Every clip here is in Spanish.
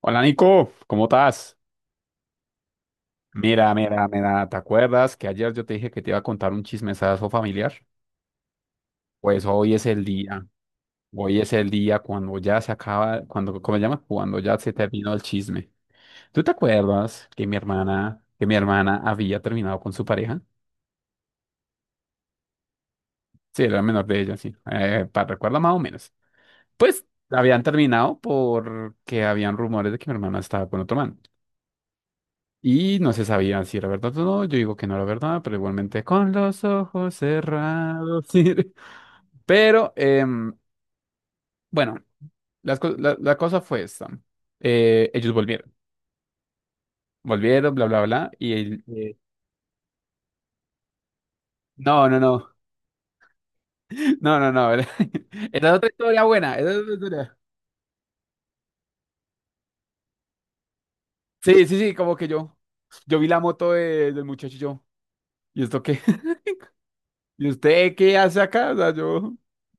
Hola Nico, ¿cómo estás? Mira, mira, mira, ¿te acuerdas que ayer yo te dije que te iba a contar un chismesazo familiar? Pues hoy es el día, hoy es el día cuando ya se acaba, cuando, ¿cómo se llama? Cuando ya se terminó el chisme. ¿Tú te acuerdas que mi hermana, había terminado con su pareja? Sí, era menor de ella, sí, para recuerda más o menos. Pues habían terminado porque habían rumores de que mi hermana estaba con otro man. Y no se sabía si era verdad o no. Yo digo que no era verdad, pero igualmente con los ojos cerrados. Pero bueno, la cosa fue esta. Ellos volvieron, volvieron, bla, bla, bla. No, no, no, no, no, no. Era, era otra historia buena. Era otra historia. Sí, sí, sí, como que yo vi la moto del muchacho y yo, ¿y esto qué? ¿Y usted qué hace acá? O sea, yo,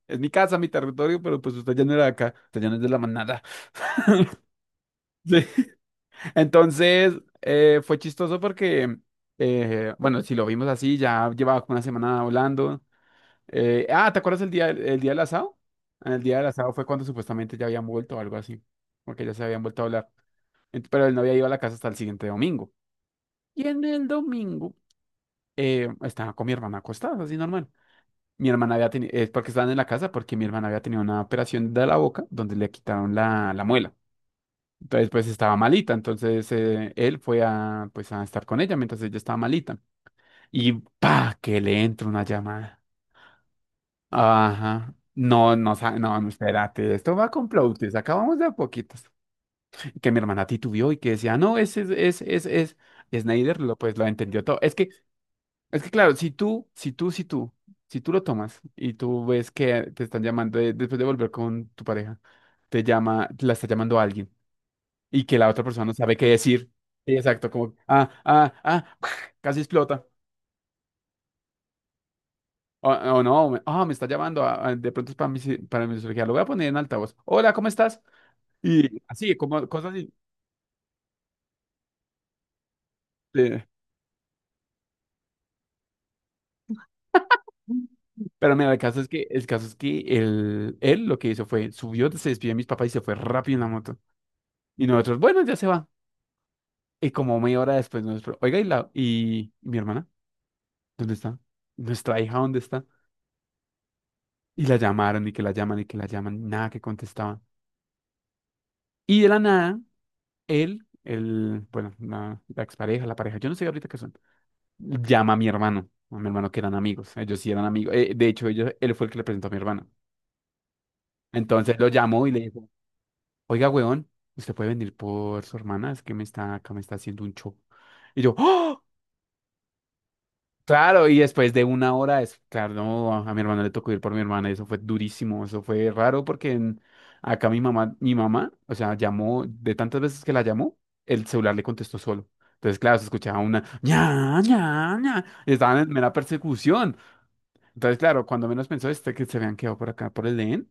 es mi casa, mi territorio, pero pues usted ya no era de acá, usted ya no es de la manada. Sí. Entonces, fue chistoso porque, bueno, si lo vimos así, ya llevaba como una semana hablando. ¿Te acuerdas el día del asado? En el día del asado fue cuando supuestamente ya habían vuelto o algo así, porque ya se habían vuelto a hablar. Pero él no había ido a la casa hasta el siguiente domingo. Y en el domingo estaba con mi hermana acostada, así normal. Mi hermana había tenido, es porque estaban en la casa, porque mi hermana había tenido una operación de la boca donde le quitaron la, la muela. Entonces, pues estaba malita. Entonces, él fue a, pues, a estar con ella mientras ella estaba malita. Y pa, que le entra una llamada. Ajá. No, no, no, no, espérate, esto va con plotes, acabamos de a poquitos. Que mi hermana titubió y que decía, no, ese es, y Snyder, lo, pues lo entendió todo. Es que claro, si tú lo tomas y tú ves que te están llamando después de volver con tu pareja, te llama, la está llamando alguien y que la otra persona no sabe qué decir. Sí, exacto, como, ah, ah, ah, casi explota. O no, me está llamando, ah, ah, de pronto es para mi, para mi cirugía, lo voy a poner en altavoz. Hola, ¿cómo estás? Y así, como cosas así. eh, Pero mira, el caso es que él lo que hizo fue, subió, se despidió de mis papás y se fue rápido en la moto. Y nosotros, bueno, ya se va. Y como media hora después, nosotros, oiga, ¿y, la, y mi hermana? ¿Dónde está? ¿Nuestra hija dónde está? Y la llamaron, y que la llaman, y que la llaman, nada que contestaban. Y de la nada, bueno, la expareja, la pareja, yo no sé ahorita qué son, llama a mi hermano que eran amigos, ellos sí eran amigos, de hecho ellos, él fue el que le presentó a mi hermano. Entonces lo llamó y le dijo, oiga, weón, ¿usted puede venir por su hermana? Es que me está, acá me está haciendo un show. Y yo, ¡oh! Claro, y después de una hora, es, claro, no, a mi hermano le tocó ir por mi hermana, y eso fue durísimo, eso fue raro porque acá mi mamá, o sea, llamó, de tantas veces que la llamó, el celular le contestó solo. Entonces, claro, se escuchaba una ña, ña, ña, y estaban en mera persecución. Entonces, claro, cuando menos pensó este que se habían quedado por acá, por el EN,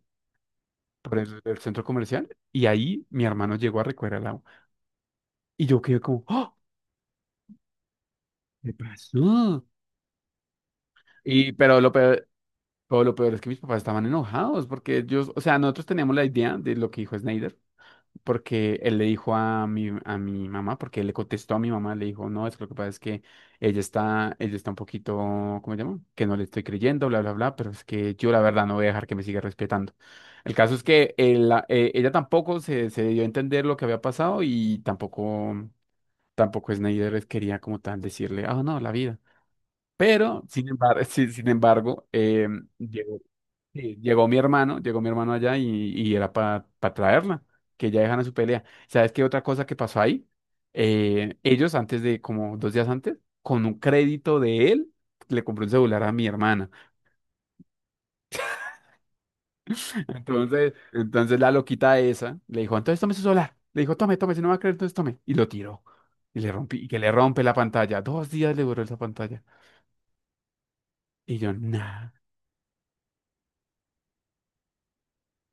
por el centro comercial, y ahí mi hermano llegó a recoger al agua. Y yo quedé como, ¡oh! ¿Qué pasó? Y, pero lo peor, Pero lo peor es que mis papás estaban enojados porque ellos, o sea, nosotros teníamos la idea de lo que dijo Snyder, porque él le dijo a mi mamá, porque él le contestó a mi mamá, le dijo, no, es que lo que pasa es que ella está un poquito, ¿cómo se llama? Que no le estoy creyendo, bla, bla, bla, pero es que yo la verdad no voy a dejar que me siga respetando. El caso es que ella tampoco se, se dio a entender lo que había pasado y tampoco, tampoco Snyder quería como tal decirle, ah, no, la vida. Pero, sin embargo, sin embargo, sí, llegó mi hermano allá y era para traerla, que ya dejan a su pelea. ¿Sabes qué otra cosa que pasó ahí? Ellos antes de, como dos días antes, con un crédito de él, le compró un celular a mi hermana. Entonces, entonces la loquita esa le dijo, entonces tome su celular. Le dijo, tome, tome, si no va a creer, entonces tome. Y lo tiró. Y le rompí, y que le rompe la pantalla. Dos días le duró esa pantalla. Y yo, nah.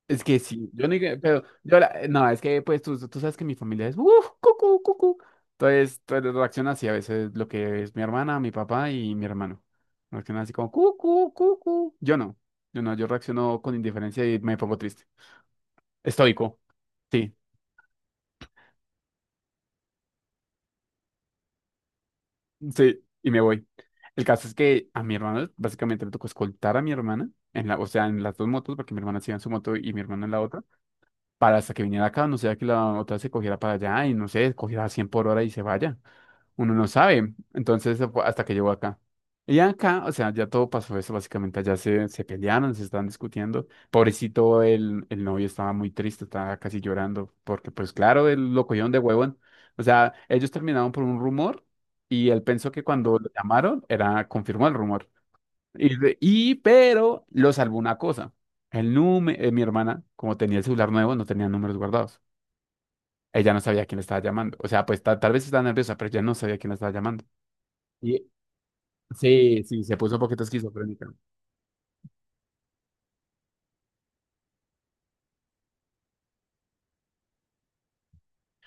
Es que sí, yo ni que- pero yo la- no, es que pues tú sabes que mi familia es uff, cucú, cucú. Entonces, entonces reacciona así a veces lo que es mi hermana, mi papá y mi hermano. Reacciona así como cucú, cucú. Yo no, yo no, yo reacciono con indiferencia y me pongo triste. Estoico. Sí, sí, y me voy. El caso es que a mi hermano básicamente le tocó escoltar a mi hermana en la, o sea, en las dos motos, porque mi hermana se iba en su moto y mi hermano en la otra, para hasta que viniera acá, no sea que la otra se cogiera para allá y no sé, cogiera a 100 por hora y se vaya. Uno no sabe. Entonces, hasta que llegó acá. Y acá, o sea, ya todo pasó eso, básicamente allá se, se pelearon, se estaban discutiendo. Pobrecito, el novio estaba muy triste, estaba casi llorando, porque pues claro, él lo cogieron de huevón. O sea, ellos terminaron por un rumor y él pensó que cuando lo llamaron era, confirmó el rumor. Pero lo salvó una cosa. El número, mi hermana, como tenía el celular nuevo, no tenía números guardados. Ella no sabía quién le estaba llamando. O sea, pues tal vez estaba nerviosa, pero ella no sabía quién le estaba llamando. Sí, sí, se puso un poquito esquizofrénica.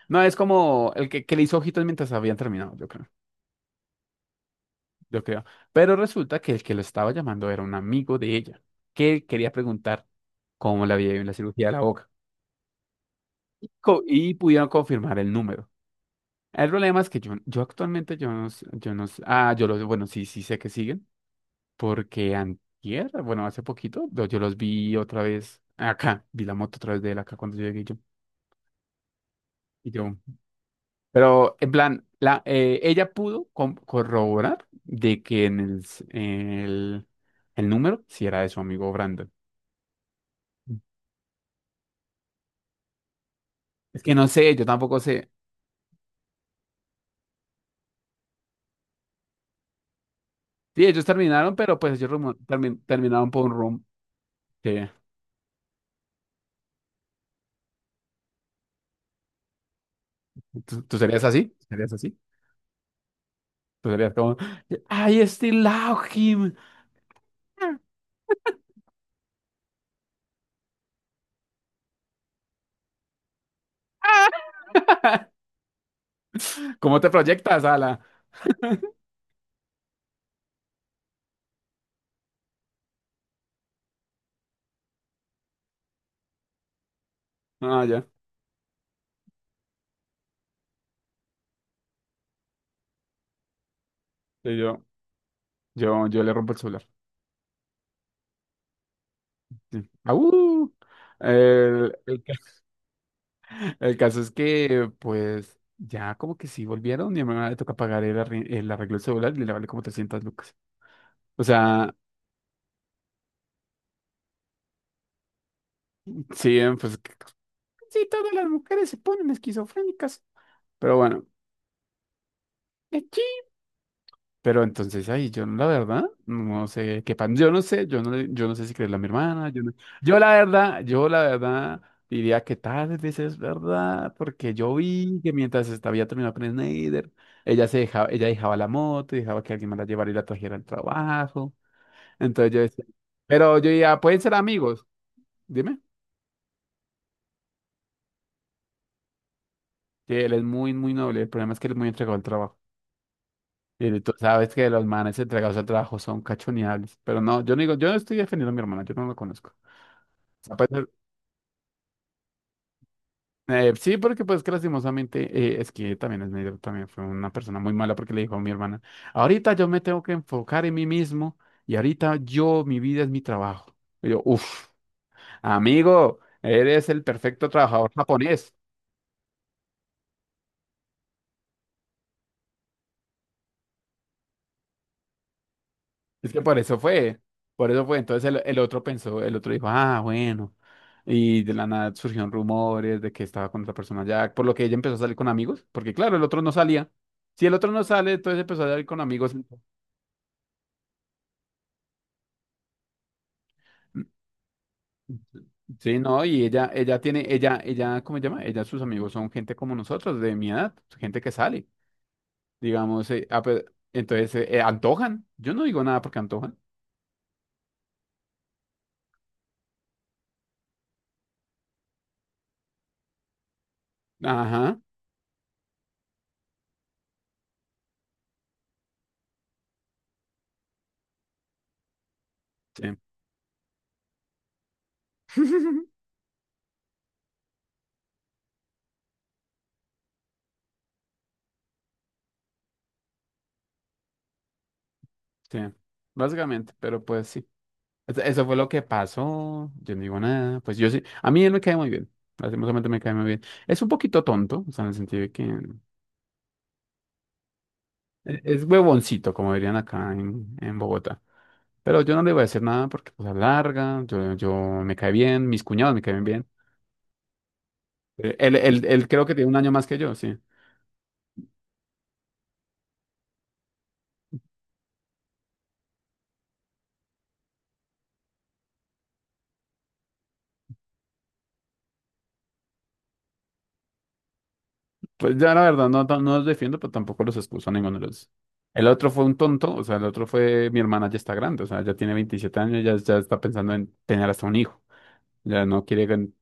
No, es como el que le hizo ojitos mientras habían terminado, yo creo, yo creo. Pero resulta que el que lo estaba llamando era un amigo de ella, que quería preguntar cómo le había ido en la cirugía de la boca. Y pudieron confirmar el número. El problema es que yo actualmente, yo no, s- ah, yo los, bueno, sí, sí sé que siguen, porque antier, bueno, hace poquito, yo los vi otra vez acá, vi la moto otra vez de él acá cuando yo llegué yo. Y yo, pero, en plan, ella pudo corroborar de que en el número sí era de su amigo Brandon. Es que no sé, yo tampoco sé. Sí, ellos terminaron, pero pues ellos terminaron por un rum. que- ¿Tú, tú serías así? ¿Serías así? Tú serías como, I still love him. ¿Cómo te proyectas, Ala? Ah, ya. Sí, yo le rompo el celular. Sí. Au. El- el- El caso es que, pues, ya como que sí volvieron y a mi mamá le toca pagar el arreglo del celular y le vale como 300 lucas. O sea, sí, pues, sí, todas las mujeres se ponen esquizofrénicas. Pero bueno, pero entonces ahí yo la verdad no sé qué pan, yo no sé, yo no sé si creerle a mi hermana, yo no. Yo la verdad, yo la verdad diría que tal vez es verdad, porque yo vi que mientras estaba ya terminando con Snyder, ella se dejaba, ella dejaba la moto, dejaba que alguien más la llevara y la trajera al trabajo. Entonces yo decía, pero yo ya pueden ser amigos, dime. Sí, él es muy, muy noble, el problema es que él es muy entregado al trabajo. Y tú sabes que los manes entregados al trabajo son cachoneables, pero no, yo no digo, yo no estoy defendiendo a mi hermana, yo no lo conozco. Ah, pues, sí, porque pues que lastimosamente es que también es medio, también fue una persona muy mala porque le dijo a mi hermana, ahorita yo me tengo que enfocar en mí mismo y ahorita yo, mi vida es mi trabajo. Y yo, uff, amigo, eres el perfecto trabajador japonés. Es que por eso fue, por eso fue. Entonces el otro pensó, el otro dijo, ah, bueno. Y de la nada surgieron rumores de que estaba con otra persona ya, por lo que ella empezó a salir con amigos, porque claro, el otro no salía. Si el otro no sale, entonces empezó a salir con amigos. Sí, no, y ella tiene, ella, ¿cómo se llama? Ella, sus amigos son gente como nosotros, de mi edad, gente que sale, digamos, pues, entonces, antojan, yo no digo nada porque antojan. Ajá, sí, sí, básicamente, pero pues sí, Es- eso fue lo que pasó, yo no digo nada, pues yo sí, a mí él me cae muy bien, lastimosamente me cae muy bien. Es un poquito tonto, o sea, en el sentido de que es huevoncito, como dirían acá en Bogotá. Pero yo no le voy a decir nada porque pues es larga, yo me cae bien, mis cuñados me caen bien. Él, él creo que tiene un año más que yo, sí. Pues ya la verdad no, no no los defiendo, pero tampoco los excuso a ninguno de los. El otro fue un tonto, o sea, el otro fue, mi hermana ya está grande, o sea, ya tiene 27 años, ya, ya está pensando en tener hasta un hijo, ya no quiere...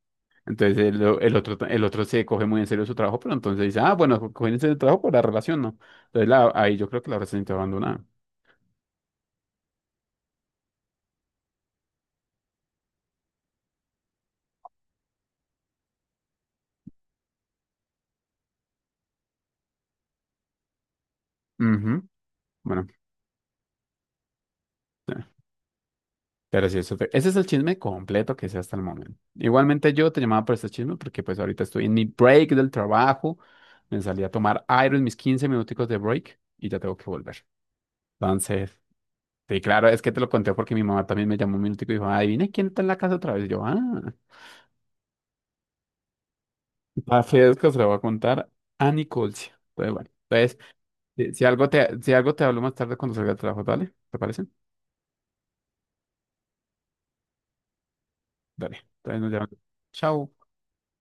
Entonces el otro se coge muy en serio su trabajo, pero entonces dice, ah, bueno, cogen en serio el trabajo por la relación, ¿no? Entonces ahí yo creo que la relación está abandonada. Ujú, bueno. Pero sí, ese es el chisme completo que sé hasta el momento. Igualmente yo te llamaba por este chisme porque pues ahorita estoy en mi break del trabajo. Me salí a tomar aire en mis 15 minuticos de break y ya tengo que volver. Entonces, sí, claro, es que te lo conté porque mi mamá también me llamó un minutico y dijo, adivina quién está en la casa otra vez. Y yo, ah, a Federico se lo voy a contar a Nicolcia. Entonces, bueno, entonces, si, si algo te hablo más tarde cuando salga del trabajo, dale, ¿te parece? Dale, entonces nos llamamos. Chao.